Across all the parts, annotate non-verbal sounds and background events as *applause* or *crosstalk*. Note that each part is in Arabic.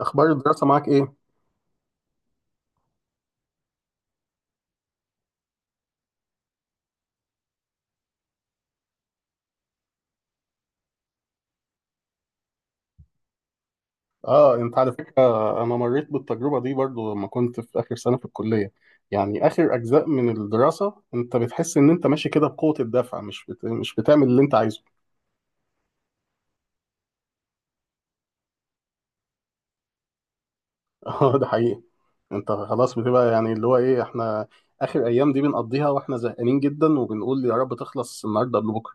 اخبار الدراسه معاك ايه؟ اه، انت على فكره انا مريت بالتجربه دي برضو لما كنت في اخر سنه في الكليه. يعني اخر اجزاء من الدراسه انت بتحس ان انت ماشي كده بقوه الدفع، مش بتعمل اللي انت عايزه. *laughs* اه، ده حقيقي. انت خلاص بتبقى يعني اللي هو ايه، احنا اخر ايام دي بنقضيها واحنا زهقانين جدا وبنقول يا رب تخلص النهارده قبل بكره.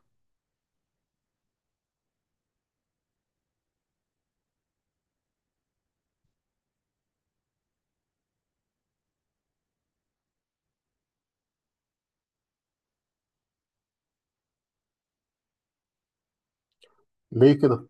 ليه كده؟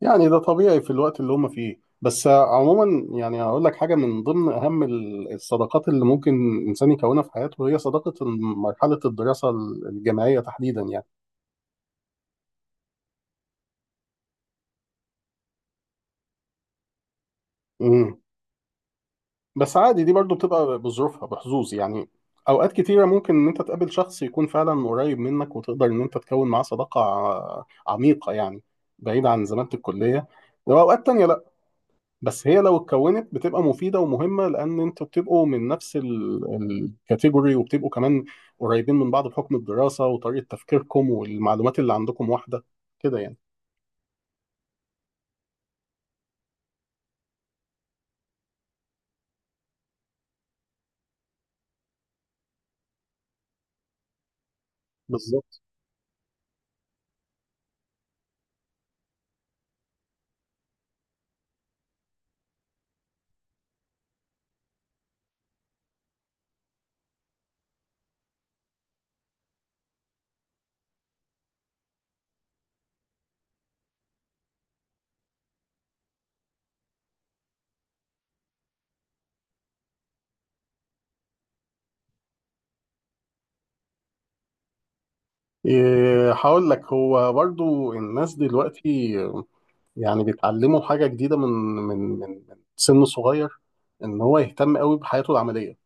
يعني ده طبيعي في الوقت اللي هم فيه، بس عموما يعني هقول لك حاجة، من ضمن أهم الصداقات اللي ممكن إنسان يكونها في حياته هي صداقة مرحلة الدراسة الجامعية تحديدا يعني. امم بس عادي دي برضو بتبقى بظروفها بحظوظ يعني. أوقات كتيرة ممكن إن أنت تقابل شخص يكون فعلا قريب منك وتقدر إن أنت تكون معاه صداقة عميقة يعني، بعيد عن زمانة الكلية. وأوقات تانية، بس هي لو اتكونت بتبقى مفيدة ومهمة، لأن أنتوا بتبقوا من نفس الكاتيجوري، وبتبقوا كمان قريبين من بعض بحكم الدراسة، وطريقة تفكيركم والمعلومات اللي عندكم واحدة كده يعني. بالظبط. إيه، هقول لك، هو برضو الناس دلوقتي يعني بيتعلموا حاجة جديدة من سن صغير، إن هو يهتم قوي بحياته العملية،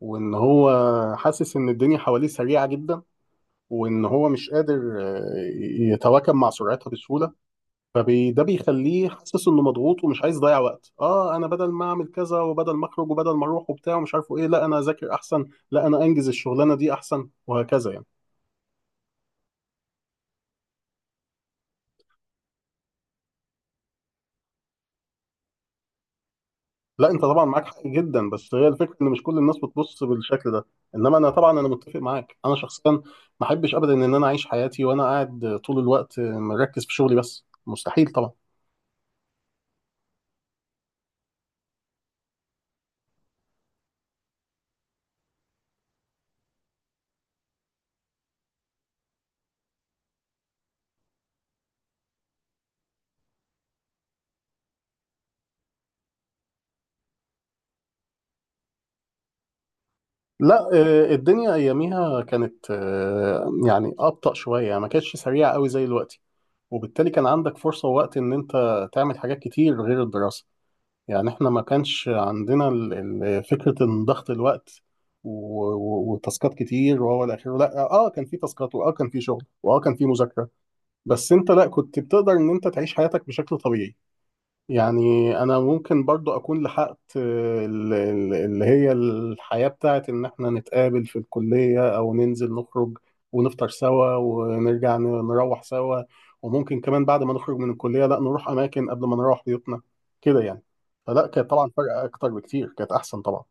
وإن هو حاسس إن الدنيا حواليه سريعة جدا، وإن هو مش قادر آه، يتواكب مع سرعتها بسهولة. فده بيخليه حاسس انه مضغوط، ومش عايز يضيع وقت. اه، انا بدل ما اعمل كذا وبدل ما اخرج وبدل ما اروح وبتاع ومش عارفه ايه، لا انا اذاكر احسن، لا انا انجز الشغلانه دي احسن، وهكذا يعني. لا انت طبعا معاك حق جدا، بس هي الفكره ان مش كل الناس بتبص بالشكل ده. انما انا طبعا انا متفق معاك، انا شخصيا ما احبش ابدا ان انا اعيش حياتي وانا قاعد طول الوقت مركز في شغلي، بس مستحيل طبعا. لا الدنيا اياميها كانت يعني ابطأ شويه، يعني ما كانتش سريعه قوي زي دلوقتي، وبالتالي كان عندك فرصة ووقت إن أنت تعمل حاجات كتير غير الدراسة. يعني إحنا ما كانش عندنا فكرة إن ضغط الوقت وتاسكات كتير وهو إلى آخره. لا آه، كان في تاسكات، وآه كان في شغل، وآه كان في مذاكرة، بس أنت لا، كنت بتقدر إن أنت تعيش حياتك بشكل طبيعي يعني. انا ممكن برضو اكون لحقت اللي هي الحياة بتاعت ان احنا نتقابل في الكلية او ننزل نخرج ونفطر سوا ونرجع نروح سوا، وممكن كمان بعد ما نخرج من الكلية لا نروح اماكن قبل ما نروح بيوتنا كده يعني. فلا، كانت طبعا فرق اكتر بكتير، كانت احسن طبعا.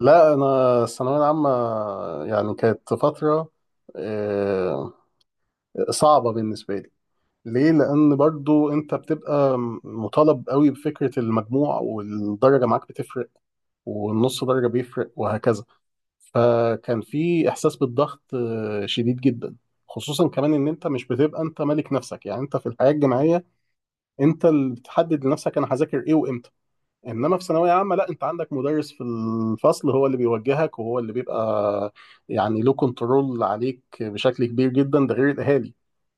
لا انا الثانوية العامة يعني كانت فترة آه، صعبة بالنسبة لي. ليه؟ لان برضو انت بتبقى مطالب قوي بفكره المجموع، والدرجه معاك بتفرق والنص درجه بيفرق، وهكذا. فكان في احساس بالضغط شديد جدا، خصوصا كمان ان انت مش بتبقى انت ملك نفسك. يعني انت في الحياه الجامعيه انت اللي بتحدد لنفسك انا هذاكر ايه وامتى، انما في ثانويه عامه لا، انت عندك مدرس في الفصل هو اللي بيوجهك، وهو اللي بيبقى يعني له كنترول عليك بشكل كبير جدا. ده غير الاهالي،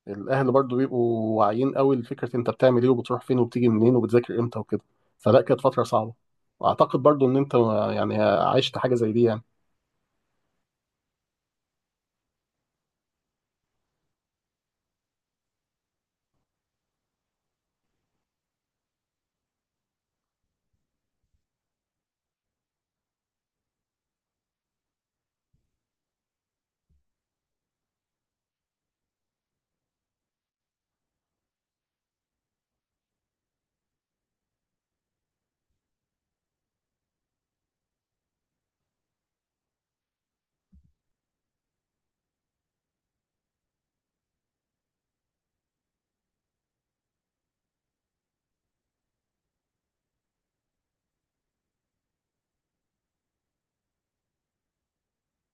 الاهل برضو بيبقوا واعيين قوي لفكره انت بتعمل ايه وبتروح فين وبتيجي منين وبتذاكر امتى وكده. فلا، كانت فتره صعبه. واعتقد برضو ان انت يعني عشت حاجه زي دي يعني.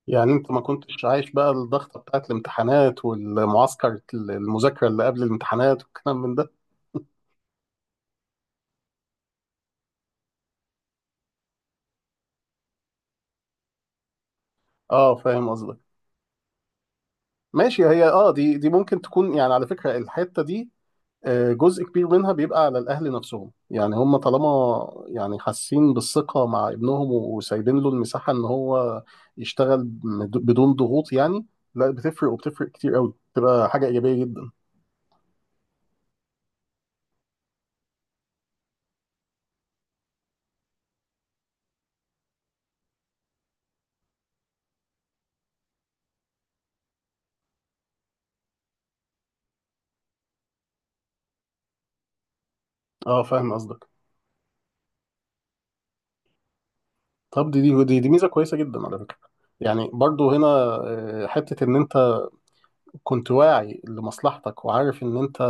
يعني انت ما كنتش عايش بقى الضغطه بتاعت الامتحانات والمعسكر المذاكره اللي قبل الامتحانات والكلام من ده؟ اه، فاهم قصدك. ماشي، هي اه دي ممكن تكون يعني على فكره الحته دي جزء كبير منها بيبقى على الاهل نفسهم. يعني هم طالما يعني حاسين بالثقه مع ابنهم وسايبين له المساحه ان هو بدون ضغوط يعني، لا، بتفرق، وبتفرق كتير قوي، بتبقى حاجه ايجابيه جدا. اه، فاهم قصدك. طب دي ميزه كويسه جدا على فكره. يعني برضو هنا حته ان انت كنت واعي لمصلحتك، وعارف ان انت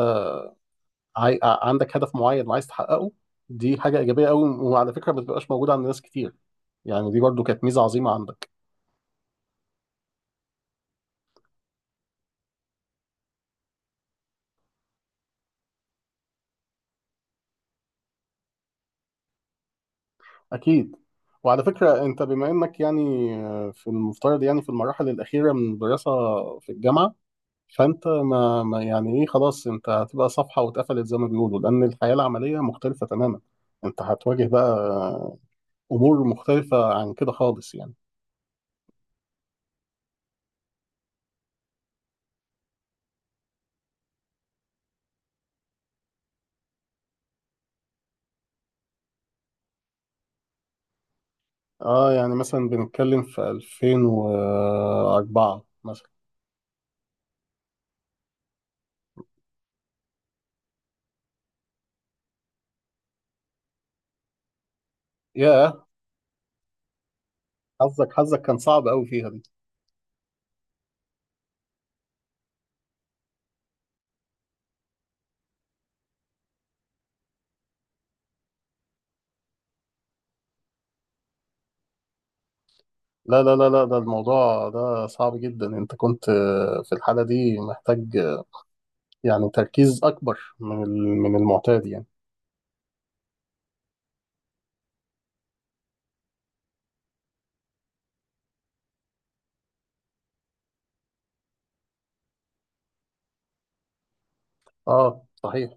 عندك هدف معين وعايز تحققه. دي حاجه ايجابيه قوي، وعلى فكره ما بتبقاش موجوده عند ناس كتير، يعني دي برضو كانت ميزه عظيمه عندك. أكيد. وعلى فكرة أنت بما إنك يعني في المفترض يعني في المراحل الأخيرة من الدراسة في الجامعة، فأنت ما يعني إيه، خلاص أنت هتبقى صفحة واتقفلت زي ما بيقولوا، لأن الحياة العملية مختلفة تماما، أنت هتواجه بقى أمور مختلفة عن كده خالص يعني. اه، يعني مثلا بنتكلم في 2004 مثلا. ياه، حظك كان صعب قوي فيها دي. لا لا لا لا، ده الموضوع ده صعب جدا. انت كنت في الحالة دي محتاج يعني تركيز اكبر من من المعتاد يعني. اه صحيح.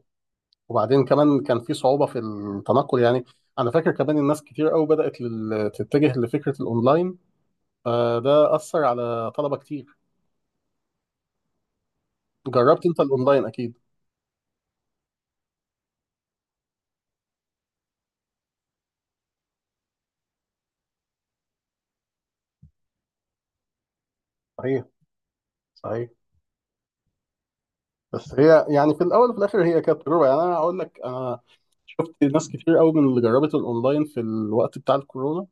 وبعدين كمان كان في صعوبة في التنقل يعني. انا فاكر كمان الناس كتير قوي بدأت تتجه لفكرة الاونلاين، فده أثر على طلبة كتير. جربت انت الاونلاين اكيد؟ صحيح. صحيح. بس هي يعني في الاول وفي الاخر هي كانت تجربه. يعني انا هقول لك، انا شفت ناس كتير قوي من اللي جربت الاونلاين في الوقت بتاع الكورونا،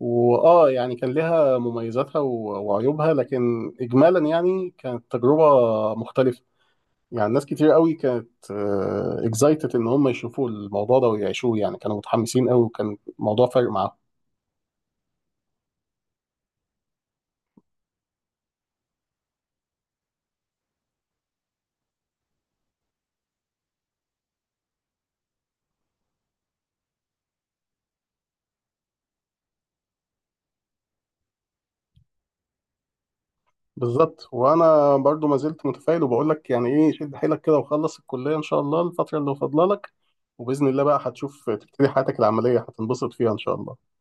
واه يعني كان لها مميزاتها وعيوبها، لكن اجمالا يعني كانت تجربه مختلفه. يعني ناس كتير قوي كانت اكزايتد ان هم يشوفوا الموضوع ده ويعيشوه، يعني كانوا متحمسين قوي وكان الموضوع فارق معاهم. بالظبط. وانا برضو ما زلت متفائل وبقول لك يعني ايه، شد حيلك كده وخلص الكليه ان شاء الله الفتره اللي فاضله لك، وباذن الله بقى هتشوف تبتدي حياتك العمليه هتنبسط فيها ان شاء الله.